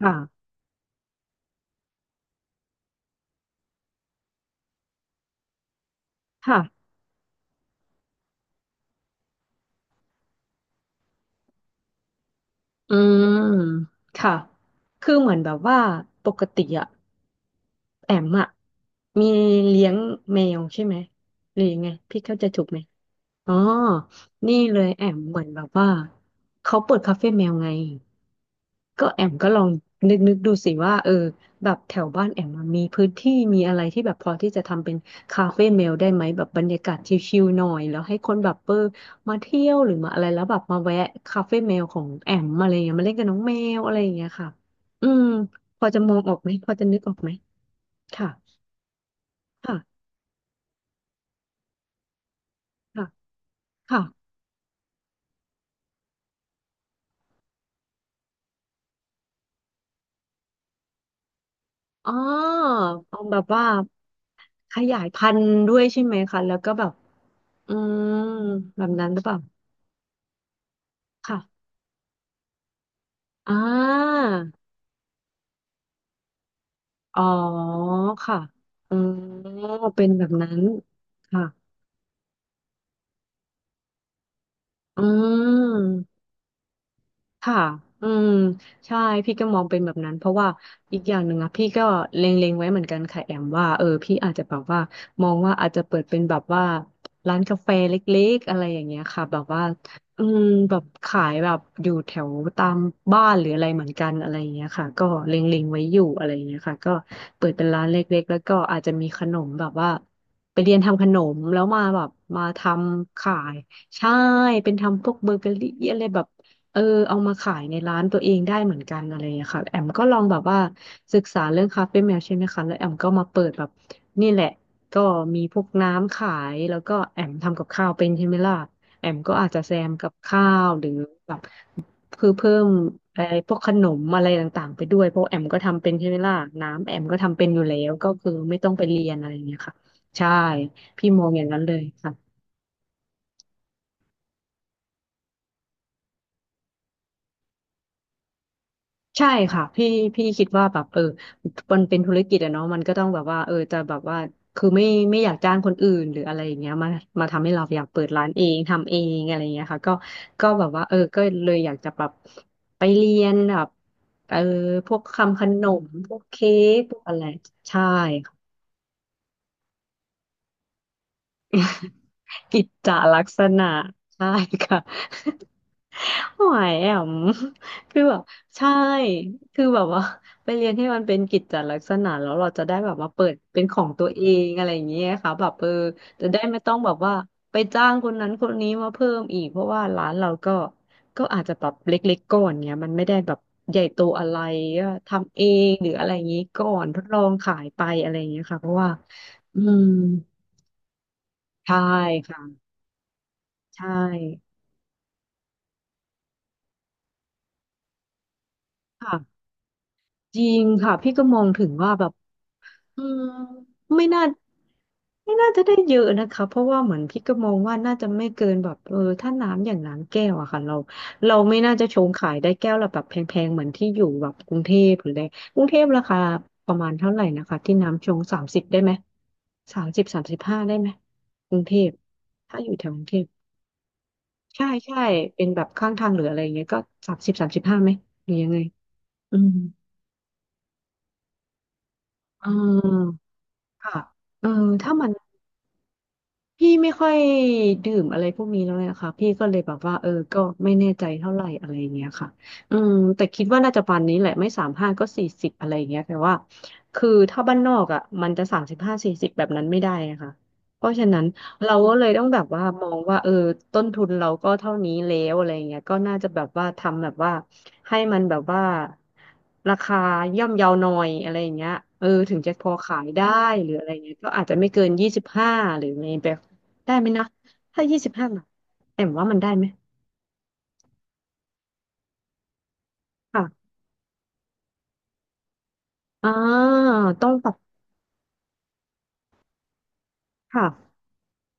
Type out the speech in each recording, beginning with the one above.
ค่ะ ค่ะ อืม ค่ะ คือเหมือนแบบว่า ปกติอะแอมอะมีเลี้ยงแมวใช่ไหม หรือยังไง พี่เข้าใจถูกไหม อ๋อ นี่เลยแอมเหมือนแบบว่า เขาเปิดคาเฟ่แมวไง ก็แอมก็ลองนึกดูสิว่าเออแบบแถวบ้านแอมมันมีพื้นที่มีอะไรที่แบบพอที่จะทำเป็นคาเฟ่เมลได้ไหมแบบบรรยากาศชิลๆหน่อยแล้วให้คนแบบเออมาเที่ยวหรือมาอะไรแล้วแบบมาแวะคาเฟ่เมลของแอมอะไรอย่างเงี้ยมาเล่นกับน้องแมวอะไรอย่างเงี้ยค่ะอืมพอจะมองออกไหมพอจะนึกออกไหมค่ะค่ะค่ะค่ะอ๋อเอาแบบว่าขยายพันธุ์ด้วยใช่ไหมคะแล้วก็แบบอืมแบบนั้นหรือเปล่าค่ะอ่า อ๋อค่ะอ๋อเป็นแบบนั้นค่ะ อืม ค่ะอืมใช่พี่ก็มองเป็นแบบนั้นเพราะว่าอีกอย่างหนึ่งอะพี่ก็เล็งๆไว้เหมือนกันค่ะแอมว่าเออพี่อาจจะแบบว่ามองว่าอาจจะเปิดเป็นแบบว่าร้านกาแฟเล็กๆอะไรอย่างเงี้ยค่ะแบบว่าอืมแบบขายแบบอยู่แถวตามบ้านหรืออะไรเหมือนกันอะไรอย่างเงี้ยค่ะก็เล็งๆไว้อยู่อะไรอย่างเงี้ยค่ะก็เปิดเป็นร้านเล็กๆแล้วก็อาจจะมีขนมแบบว่าไปเรียนทำขนมแล้วมาแบบมาทำขายใช่เป็นทำพวกเบเกอรี่อะไรแบบ เออเอามาขายในร้านตัวเองได้เหมือนกันอะไรอย่างเงี้ยค่ะแอมก็ลองแบบว่าศึกษาเรื่องคาเฟ่แมวใช่ไหมคะแล้วแอมก็มาเปิดแบบนี่แหละก็มีพวกน้ำขายแล้วก็แอมทำกับข้าวเป็นใช่ไหมล่ะแอมก็อาจจะแซมกับข้าวหรือแบบคือเพิ่มไอ้พวกขนมอะไรต่างๆไปด้วยเพราะแอมก็ทำเป็นใช่ไหมล่ะน้ำแอมก็ทำเป็นอยู่แล้วก็คือไม่ต้องไปเรียนอะไรอย่างเงี้ยค่ะใช่พี่มองอย่างนั้นเลยค่ะ ใช่ค่ะพี่คิดว่าแบบเออมันเป็นธุรกิจอะเนาะมันก็ต้องแบบว่าเออจะแบบว่าคือไม่อยากจ้างคนอื่นหรืออะไรอย่างเงี้ยมามาทำให้เราอยากเปิดร้านเองทำเองอะไรอย่างเงี้ยค่ะก็ก็แบบว่าเออก็เลยอยากจะแบบไปเรียนแบบเออพวกทำขนมพวกเค้กพวกอะไรใช่ กิจจลักษณะใช่ค่ะหอยแอม คือแบบใช่คือแบบว่าไปเรียนให้มันเป็นกิจจลักษณะแล้วเราจะได้แบบมาเปิดเป็นของตัวเองอะไรอย่างเงี้ยค่ะแบบเออจะได้ไม่ต้องแบบว่าไปจ้างคนนั้นคนนี้มาเพิ่มอีกเพราะว่าร้านเราก็ก็อาจจะแบบเล็กๆก่อนเนี้ยมันไม่ได้แบบใหญ่โตอะไรก็ทำเองหรืออะไรอย่างงี้ก่อนทดลองขายไปอะไรอย่างเงี้ยค่ะเพราะว่าอืมใช่ค่ะใช่ ค่ะจริงค่ะพี่ก็มองถึงว่าแบบอืมไม่น่าไม่น่าจะได้เยอะนะคะเพราะว่าเหมือนพี่ก็มองว่าน่าจะไม่เกินแบบเออถ้าน้ำอย่างน้ำแก้วอะค่ะเราไม่น่าจะชงขายได้แก้วละแบบแพงๆเหมือนที่อยู่แบบกรุงเทพหรืออะไรกรุงเทพราคาประมาณเท่าไหร่นะคะที่น้ำชงสามสิบได้ไหมสามสิบสามสิบห้าได้ไหมกรุงเทพถ้าอยู่แถวกรุงเทพใช่ใช่เป็นแบบข้างทางหรืออะไรอย่างเงี้ยก็สามสิบสามสิบห้าไหมหรือยังไงอืมอ่า ค่ะเออถ้ามัน พี่ไม่ค่อยดื่มอะไรพวกนี้แล้วเนะคะพี่ก็เลยแบบว่าเออก็ไม่แน่ใจเท่าไหร่อะไรอย่างเงี้ยค่ะอืมแต่คิดว่าน่าจะประมาณนี้แหละไม่35ก็สี่สิบอะไรอย่างเงี้ยแต่ว่าคือถ้าบ้านนอกอ่ะมันจะสามสิบห้าสี่สิบแบบนั้นไม่ได้นะคะเพราะฉะนั้นเราก็เลยต้องแบบว่ามองว่าเออต้นทุนเราก็เท่านี้แล้วอะไรอย่างเงี้ยก็น่าจะแบบว่าทำแบบว่าให้มันแบบว่าราคาย่อมเยาวหน่อยอะไรอย่างเงี้ยเออถึงจะพอขายได้หรืออะไรเงี้ยก็อาจจะไม่เกินยี่สิบห้าหรือใน ได้ไหมนะถ้ายี่สิบห้าบาทแอมว่ามันได้ไหมค่ะอ่าต้องปรับค่ะ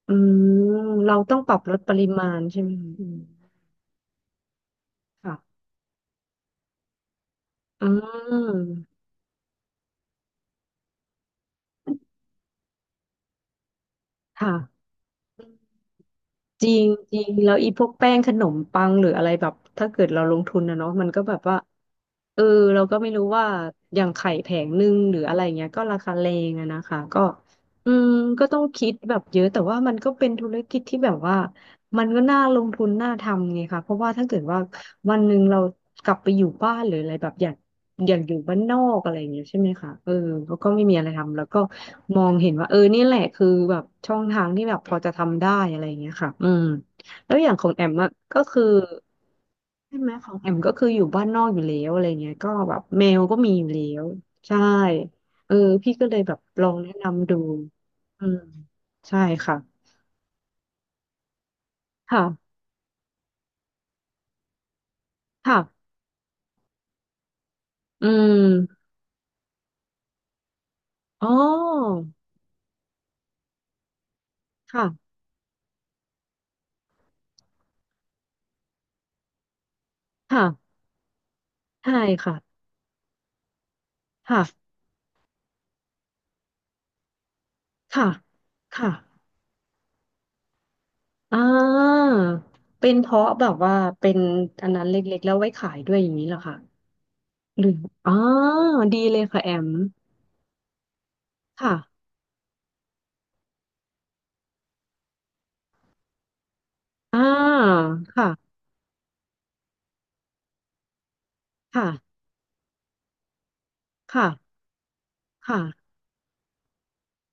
อืมเราต้องปรับลดปริมาณใช่ไหมอืมค่ะอืมค่ะ จริงจริงแล้วอีพวกแป้งขนมปังหรืออะไรแบบถ้าเกิดเราลงทุนนะเนาะมันก็แบบว่าเออเราก็ไม่รู้ว่าอย่างไข่แผงหนึ่งหรืออะไรเงี้ยก็ราคาแรงอะนะคะก็อืมก็ต้องคิดแบบเยอะแต่ว่ามันก็เป็นธุรกิจที่แบบว่ามันก็น่าลงทุนน่าทำไงคะเพราะว่าถ้าเกิดว่า วันหนึ่งเรากลับไปอยู่บ้านหรืออะไรแบบอยากอยู่บ้านนอกอะไรอย่างเงี้ยใช่ไหมคะเออแล้วก็ไม่มีอะไรทำแล้วก็มองเห็นว่าเออนี่แหละคือแบบช่องทางที่แบบพอจะทำได้อะไรอย่างเงี้ยค่ะอืมแล้วอย่างของแอมอะก็คือใช่ไหมของแอมก็คืออยู่บ้านนอกอยู่แล้วอะไรเงี้ยก็แบบแมวก็มีอยู่แล้วใช่เออพี่ก็เลยแบบลองแนะนำดูอืมใช่ค่ะค่ะค่ะอืมอ๋อค่ะค่ะใช่ค่ะค่ะ ค่ะค่ะอ่าเป็นเพราะแบบว่าเป็นอันนั้นเล็กๆแล้วไว้ขายด้วยอย่างนี้เหรอคะหรืออ่าดีเลยค่ะแอม ค่ะอ่าค่ะค่ะค่ะค่ะ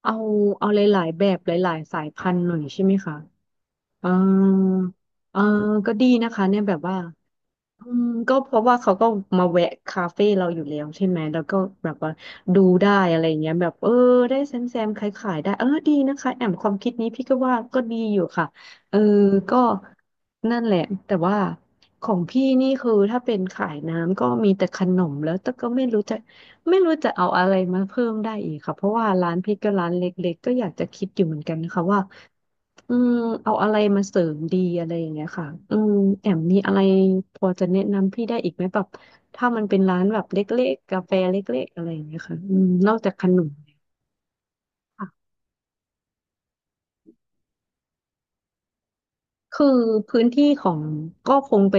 เอาเอาหลายๆแบบหลายๆสายพันธุ์หน่อยใช่ไหมคะอ่าเออก็ดีนะคะเนี่ยแบบว่า อืมก็เพราะว่าเขาก็มาแวะคาเฟ่เราอยู่แล้วใช่ไหมแล้วก็แบบว่าดูได้อะไรเงี้ยแบบเออได้แซมขายได้เออดีนะคะแอมความคิดนี้พี่ก็ว่าก็ดีอยู่ค่ะเออก็นั่นแหละแต่ว่าของพี่นี่คือถ้าเป็นขายน้ำก็มีแต่ขนมแล้วแต่ก็ไม่รู้จะเอาอะไรมาเพิ่มได้อีกค่ะเพราะว่าร้านพี่ก็ร้านเล็กๆก็อยากจะคิดอยู่เหมือนกันนะคะว่า อืมเอาอะไรมาเสริมดีอะไรอย่างเงี้ยค่ะอืมแอมมีอะไรพอจะแนะนำพี่ได้อีกไหมแบบถ้ามันเป็นร้านแบบเล็กๆกาแฟเล็กๆอะไรอย่างเงี้ยค่ะอืมนอกจากขนม คือพื้นที่ของก็คงไป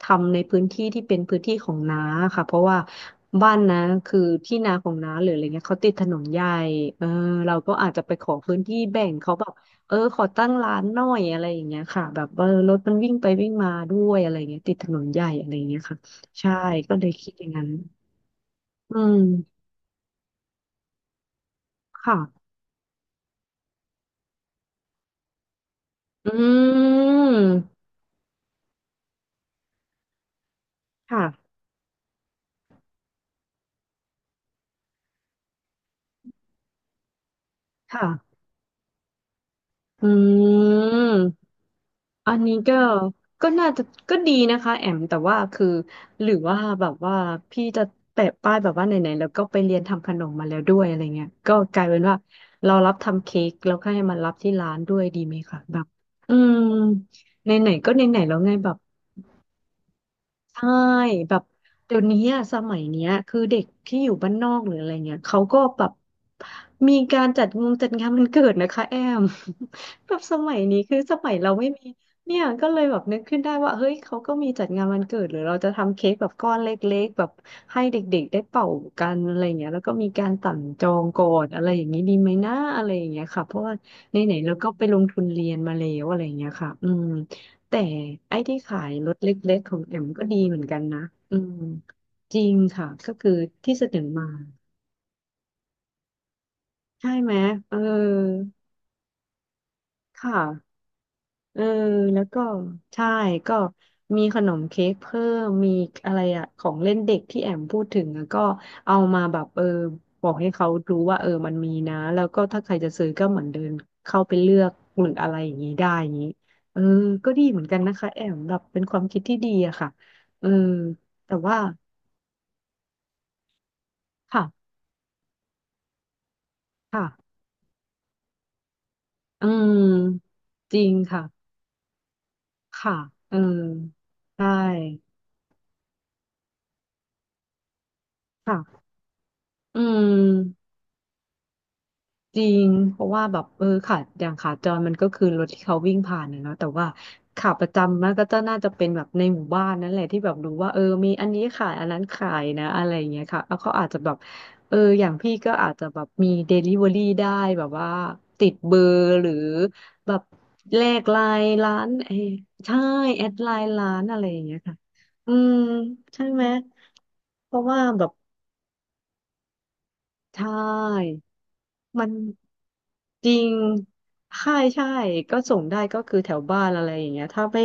ทำในพื้นที่ที่เป็นพื้นที่ของน้าค่ะเพราะว่าบ้านนะคือที่นาของน้าหรืออะไรเงี้ยเขาติดถนนใหญ่เออเราก็อาจจะไปขอพื้นที่แบ่งเขาแบบเออขอตั้งร้านหน่อยอะไรอย่างเงี้ยค่ะแบบเออรถมันวิ่งไปวิ่งมาด้วยอะไรเงี้ยติดถนนใหญ่อะไรเงี้ยค่ะใช่ก็เลยคิดอย่างนั้นอืมค่ะอืมค่ะค่ะอืม อันนี้ก็น่าจะก็ดีนะคะแอมแต่ว่าคือหรือว่าแบบว่าพี่จะแปะป้ายแบบว่าไหนๆแล้วก็ไปเรียนทำขนมมาแล้วด้วยอะไรเงี้ยก็กลายเป็นว่าเรารับทำเค้กแล้วก็ให้มันรับที่ร้านด้วยดีไหมคะแบบอืมไหนๆก็ไหนๆแล้วไงแบบ ใช่แบบเดี๋ยวนี้อะสมัยเนี้ยคือเด็กที่อยู่บ้านนอกหรืออะไรเงี้ยเขาก็แบบมีการจัดงานวันเกิดนะคะแอม แบบสมัยนี้คือสมัยเราไม่มีเนี่ยก็เลยแบบนึกขึ้นได้ว่าเฮ้ยเขาก็มีจัดงานวันเกิดหรือเราจะทำเค้กแบบก้อนเล็กๆแบบให้เด็กๆได้เป่ากันอะไรเงี้ยแล้วก็มีการสั่งจองก่อนอะไรอย่างนี้ดีไหมนะอะไรอย่างเงี้ยค่ะเพราะว่าไหนๆเราก็ไปลงทุนเรียนมาแล้วอะไรอย่างเงี้ยค่ะอืม แต่ไอ้ที่ขายรถเล็กๆของแอมก็ดีเหมือนกันนะอืมจริงค่ะก็คือที่เสนอมาใช่ไหมเออค่ะเออแล้วก็ใช่ก็มีขนมเค้กเพิ่มมีอะไรอะของเล่นเด็กที่แอมพูดถึงอะก็เอามาแบบเออบอกให้เขารู้ว่าเออมันมีนะแล้วก็ถ้าใครจะซื้อก็เหมือนเดินเข้าไปเลือกหรืออะไรอย่างนี้ได้อย่างนี้เออก็ดีเหมือนกันนะคะแอมแบบเป็นความคิดที่ดีอะค่ะเออแต่ว่า ค่ะค่ะอืมจริงค่ะค่ะเออใช่ค่ะอืม จริงเพราะว่าแบบเออขาอย่างขาจรมันก็คือรถที่เขาวิ่งผ่านนะเนาะแต่ว่าขาประจำมันก็จะน่าจะเป็นแบบในหมู่บ้านนั่นแหละที่แบบรู้ว่าเออมีอันนี้ขายอันนั้นขายนะอะไรอย่างเงี้ยค่ะแล้วเขาอาจจะแบบเอออย่างพี่ก็อาจจะแบบมีเดลิเวอรี่ได้แบบว่าติดเบอร์หรือแบบแลกไลน์ร้านเออใช่แอดไลน์ร้านอะไรอย่างเงี้ยค่ะอืมใช่ไหมเพราะว่าแบบใช่ มันจริงใช่ใช่ก็ส่งได้ก็คือแถวบ้านอะไรอย่างเงี้ยถ้าไม่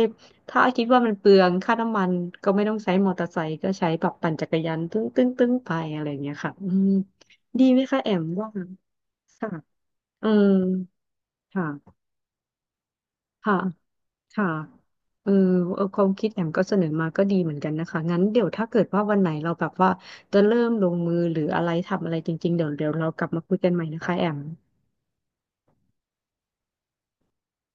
ถ้าคิดว่ามันเปลืองค่าน้ำมันก็ไม่ต้องใช้มอเตอร์ไซค์ก็ใช้แบบปั่นจักรยานตึ้งตึ้งตึ้งไปอะไรอย่างเงี้ยค่ะอืมดีไหมคะแอมว่าค่ะอืมค่ะค่ะค่ะเออเออความคิดแอมก็เสนอมาก็ดีเหมือนกันนะคะงั้นเดี๋ยวถ้าเกิดว่าวันไหนเราแบบว่าจะเริ่มลงมือหรืออะไรทำอะไรจริงๆเดี๋ยวเรากลับมาคุยกันใหม่นะคะแอม